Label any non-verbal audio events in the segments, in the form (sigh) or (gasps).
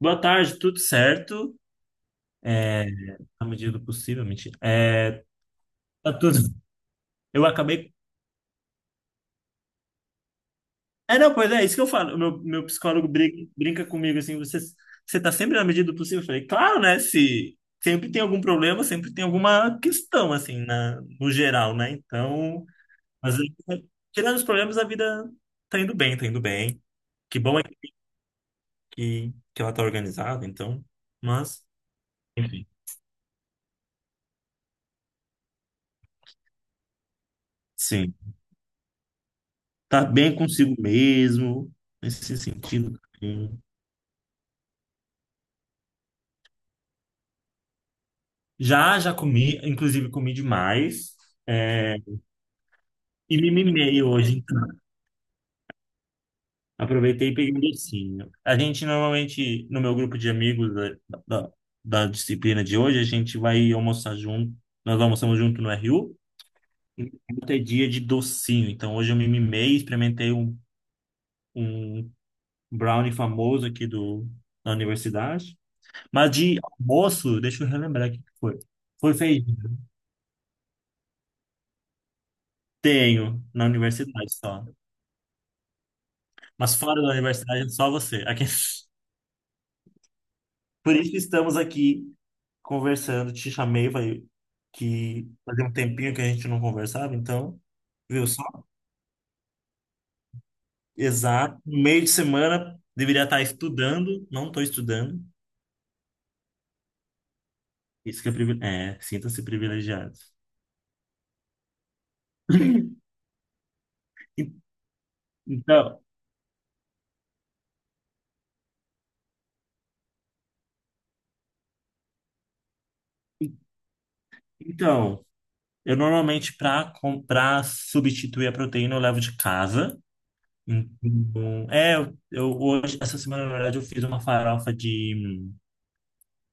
Boa tarde, tudo certo? É, Na medida do possível, mentira. Tá tudo. Eu acabei. É, não, Pois é, isso que eu falo. Meu psicólogo brinca comigo assim: você tá sempre na medida do possível? Eu falei, claro, né? Se sempre tem algum problema, sempre tem alguma questão, assim, no geral, né? Então, mas tirando os problemas, a vida tá indo bem, tá indo bem. Que bom é que ela tá organizada, então. Mas, enfim. Sim. Tá bem consigo mesmo, nesse sentido. Assim. Já, já comi, inclusive comi demais. é, e me mimei hoje, então. Aproveitei e peguei um docinho. A gente normalmente, no meu grupo de amigos da, da disciplina de hoje, a gente vai almoçar junto. Nós almoçamos junto no RU. Ontem é dia de docinho. Então hoje eu me mimei, experimentei um brownie famoso aqui da universidade. Mas de almoço, deixa eu relembrar o que que foi. Foi tenho, na universidade só. Mas fora da universidade, é só você. Aqui. (laughs) Por isso que estamos aqui conversando. Te chamei, falei que fazia um tempinho que a gente não conversava, então, viu só? Exato. Meio de semana, deveria estar estudando, não estou estudando. Isso que é privilégio. É, sinta-se privilegiado. (laughs) En- Então, en- então, eu normalmente, para comprar, substituir a proteína, eu levo de casa. Então, é, eu hoje, essa semana, na verdade, eu fiz uma farofa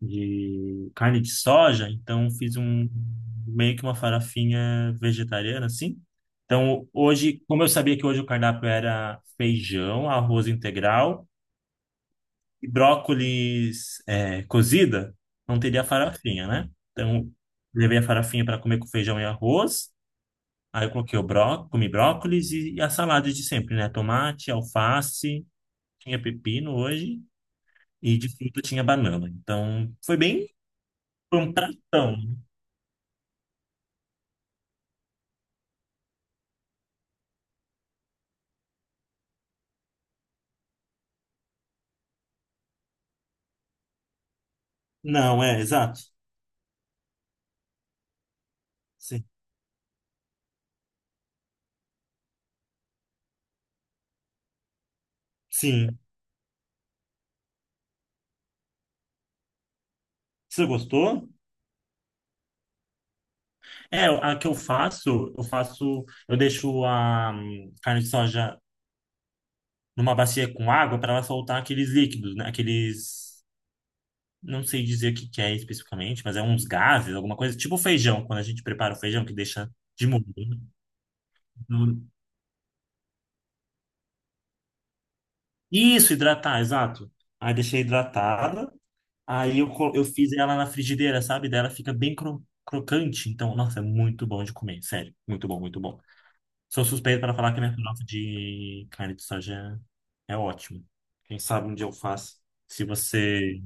de carne de soja, então fiz um meio que uma farofinha vegetariana, assim. Então, hoje, como eu sabia que hoje o cardápio era feijão, arroz integral e brócolis é, cozida, não teria farofinha, né? Então, levei a farofinha para comer com feijão e arroz. Aí eu coloquei o bró, comi brócolis e a salada de sempre, né? Tomate, alface. Tinha pepino hoje e de fruta tinha banana. Então, foi bem foi um pratão. Não, é, exato. Sim. Sim. Você gostou? É, a que eu faço, eu deixo a carne de soja numa bacia com água para ela soltar aqueles líquidos, né? Aqueles, não sei dizer o que que é especificamente, mas é uns gases, alguma coisa, tipo feijão, quando a gente prepara o feijão que deixa de molho. Né? Então, isso, hidratar, exato. Aí deixei hidratada. Eu fiz ela na frigideira, sabe? Daí ela fica bem crocante. Então, nossa, é muito bom de comer, sério. Muito bom, muito bom. Sou suspeito para falar que minha farofa de carne de soja é ótima. Quem sabe um dia eu faço. Se você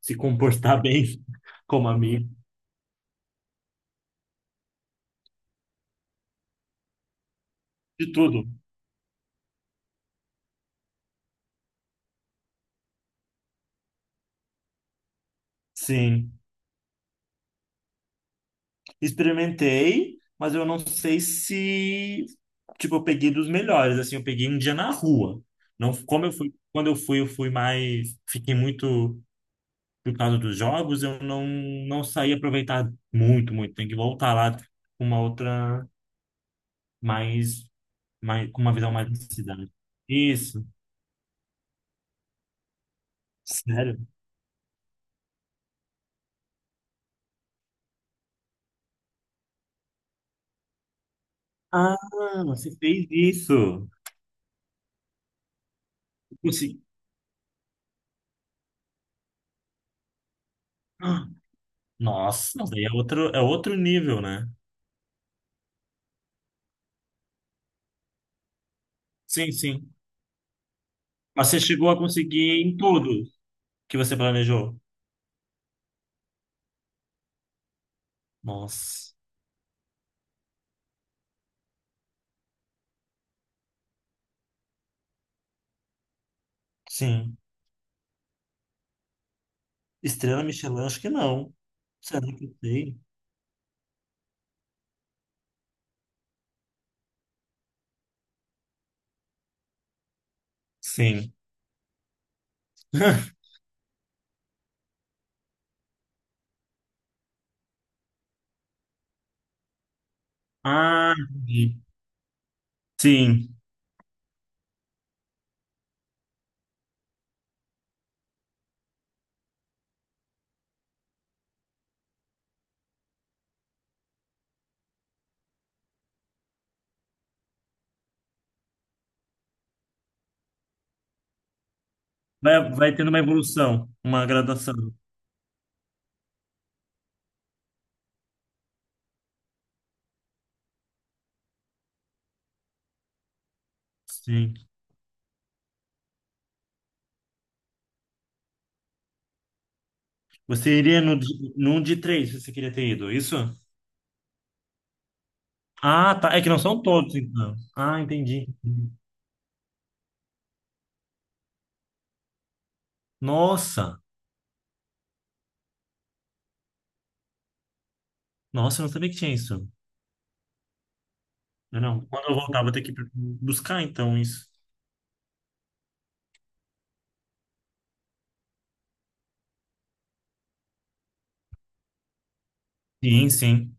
se comportar bem (laughs) como a amigo. De tudo. Sim. Experimentei, mas eu não sei se... Tipo, eu peguei dos melhores, assim. Eu peguei um dia na rua. Não, como eu fui... Quando eu fui mais... Fiquei muito por causa dos jogos, eu não, não saí aproveitado muito, muito. Tem que voltar lá com uma outra mais, mais com uma visão mais da cidade. Isso, sério? Ah, você fez isso. Consegui. Ah, nossa, daí é outro nível, né? Sim, sim. Mas você chegou a conseguir em tudo que você planejou? Nossa, sim. Estrela Michelin, acho que não. Será que eu sei? Sim. (laughs) Ah, entendi. Sim. Vai, vai tendo uma evolução, uma gradação. Sim. Você iria no, de- num de três, se você queria ter ido, é isso? Ah, tá. É que não são todos, então. Ah, entendi. Nossa, nossa, eu não sabia que tinha isso. Eu não. Quando eu voltar, vou ter que buscar, então, isso. Sim, sim.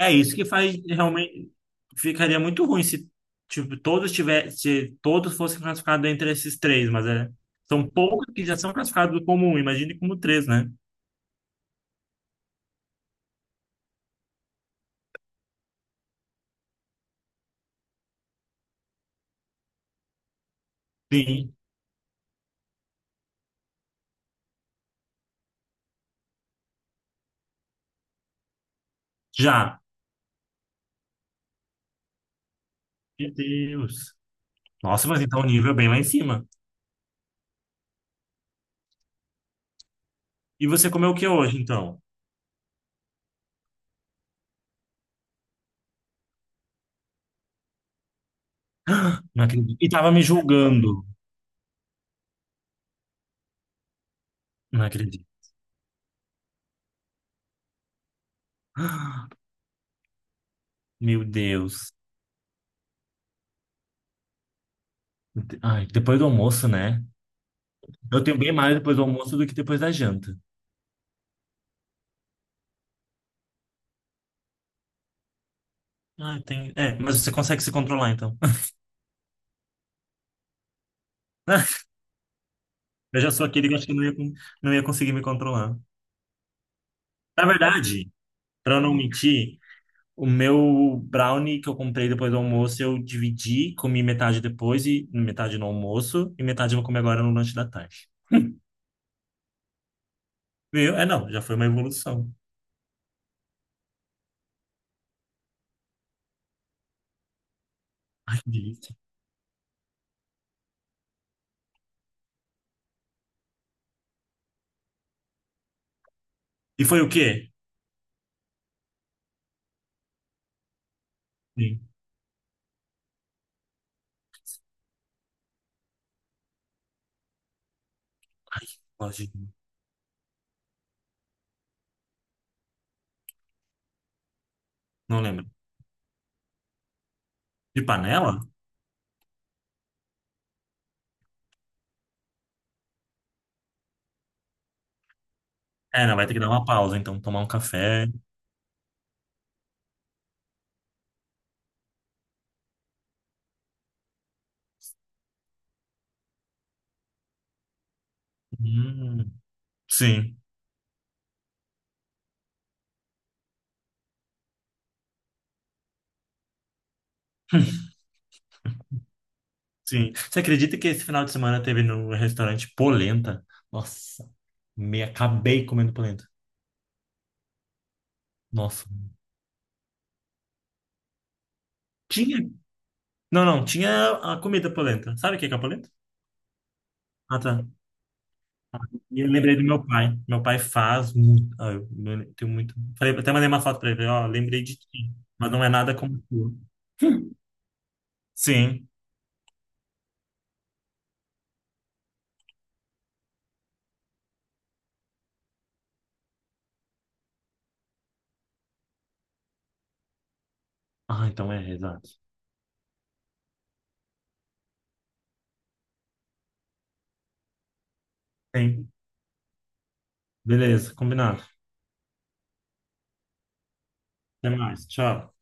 É isso que faz realmente. Ficaria muito ruim se, tipo, se todos fossem classificados entre esses três, mas é. São poucos que já são classificados como um, imagine como três, né? Sim, já. Meu Deus. Nossa, mas então o nível é bem lá em cima. E você comeu o que hoje, então? Não acredito. E tava me julgando. Não acredito. (gasps) Meu Deus. Ai, depois do almoço, né? Eu tenho bem mais depois do almoço do que depois da janta. Ah, tem... É, mas você consegue se controlar, então. (laughs) Eu já sou aquele que eu acho que não ia conseguir me controlar. Na verdade, pra eu não mentir, o meu brownie que eu comprei depois do almoço, eu dividi, comi metade depois e metade no almoço, e metade eu vou comer agora no lanche da tarde. Veio, é, não, já foi uma evolução. Ai, que delícia. E foi o quê? Sim. Ai, gosto de- não lembro. De panela? É, não, vai ter que dar uma pausa, então, tomar um café. Hum, sim, sim. Você acredita que esse final de semana teve no restaurante polenta? Nossa, me acabei comendo polenta. Nossa. Tinha? Não, não, tinha a comida polenta. Sabe o que que é polenta? Ah, tá. E eu lembrei do meu pai. Meu pai faz muito. Ah, eu tenho muito. Falei, até mandei uma foto pra ele. Falei, ó, lembrei de ti, mas não é nada como tu. Sim. Ah, então é, exato. Sim. Beleza, combinado. Até mais. Tchau.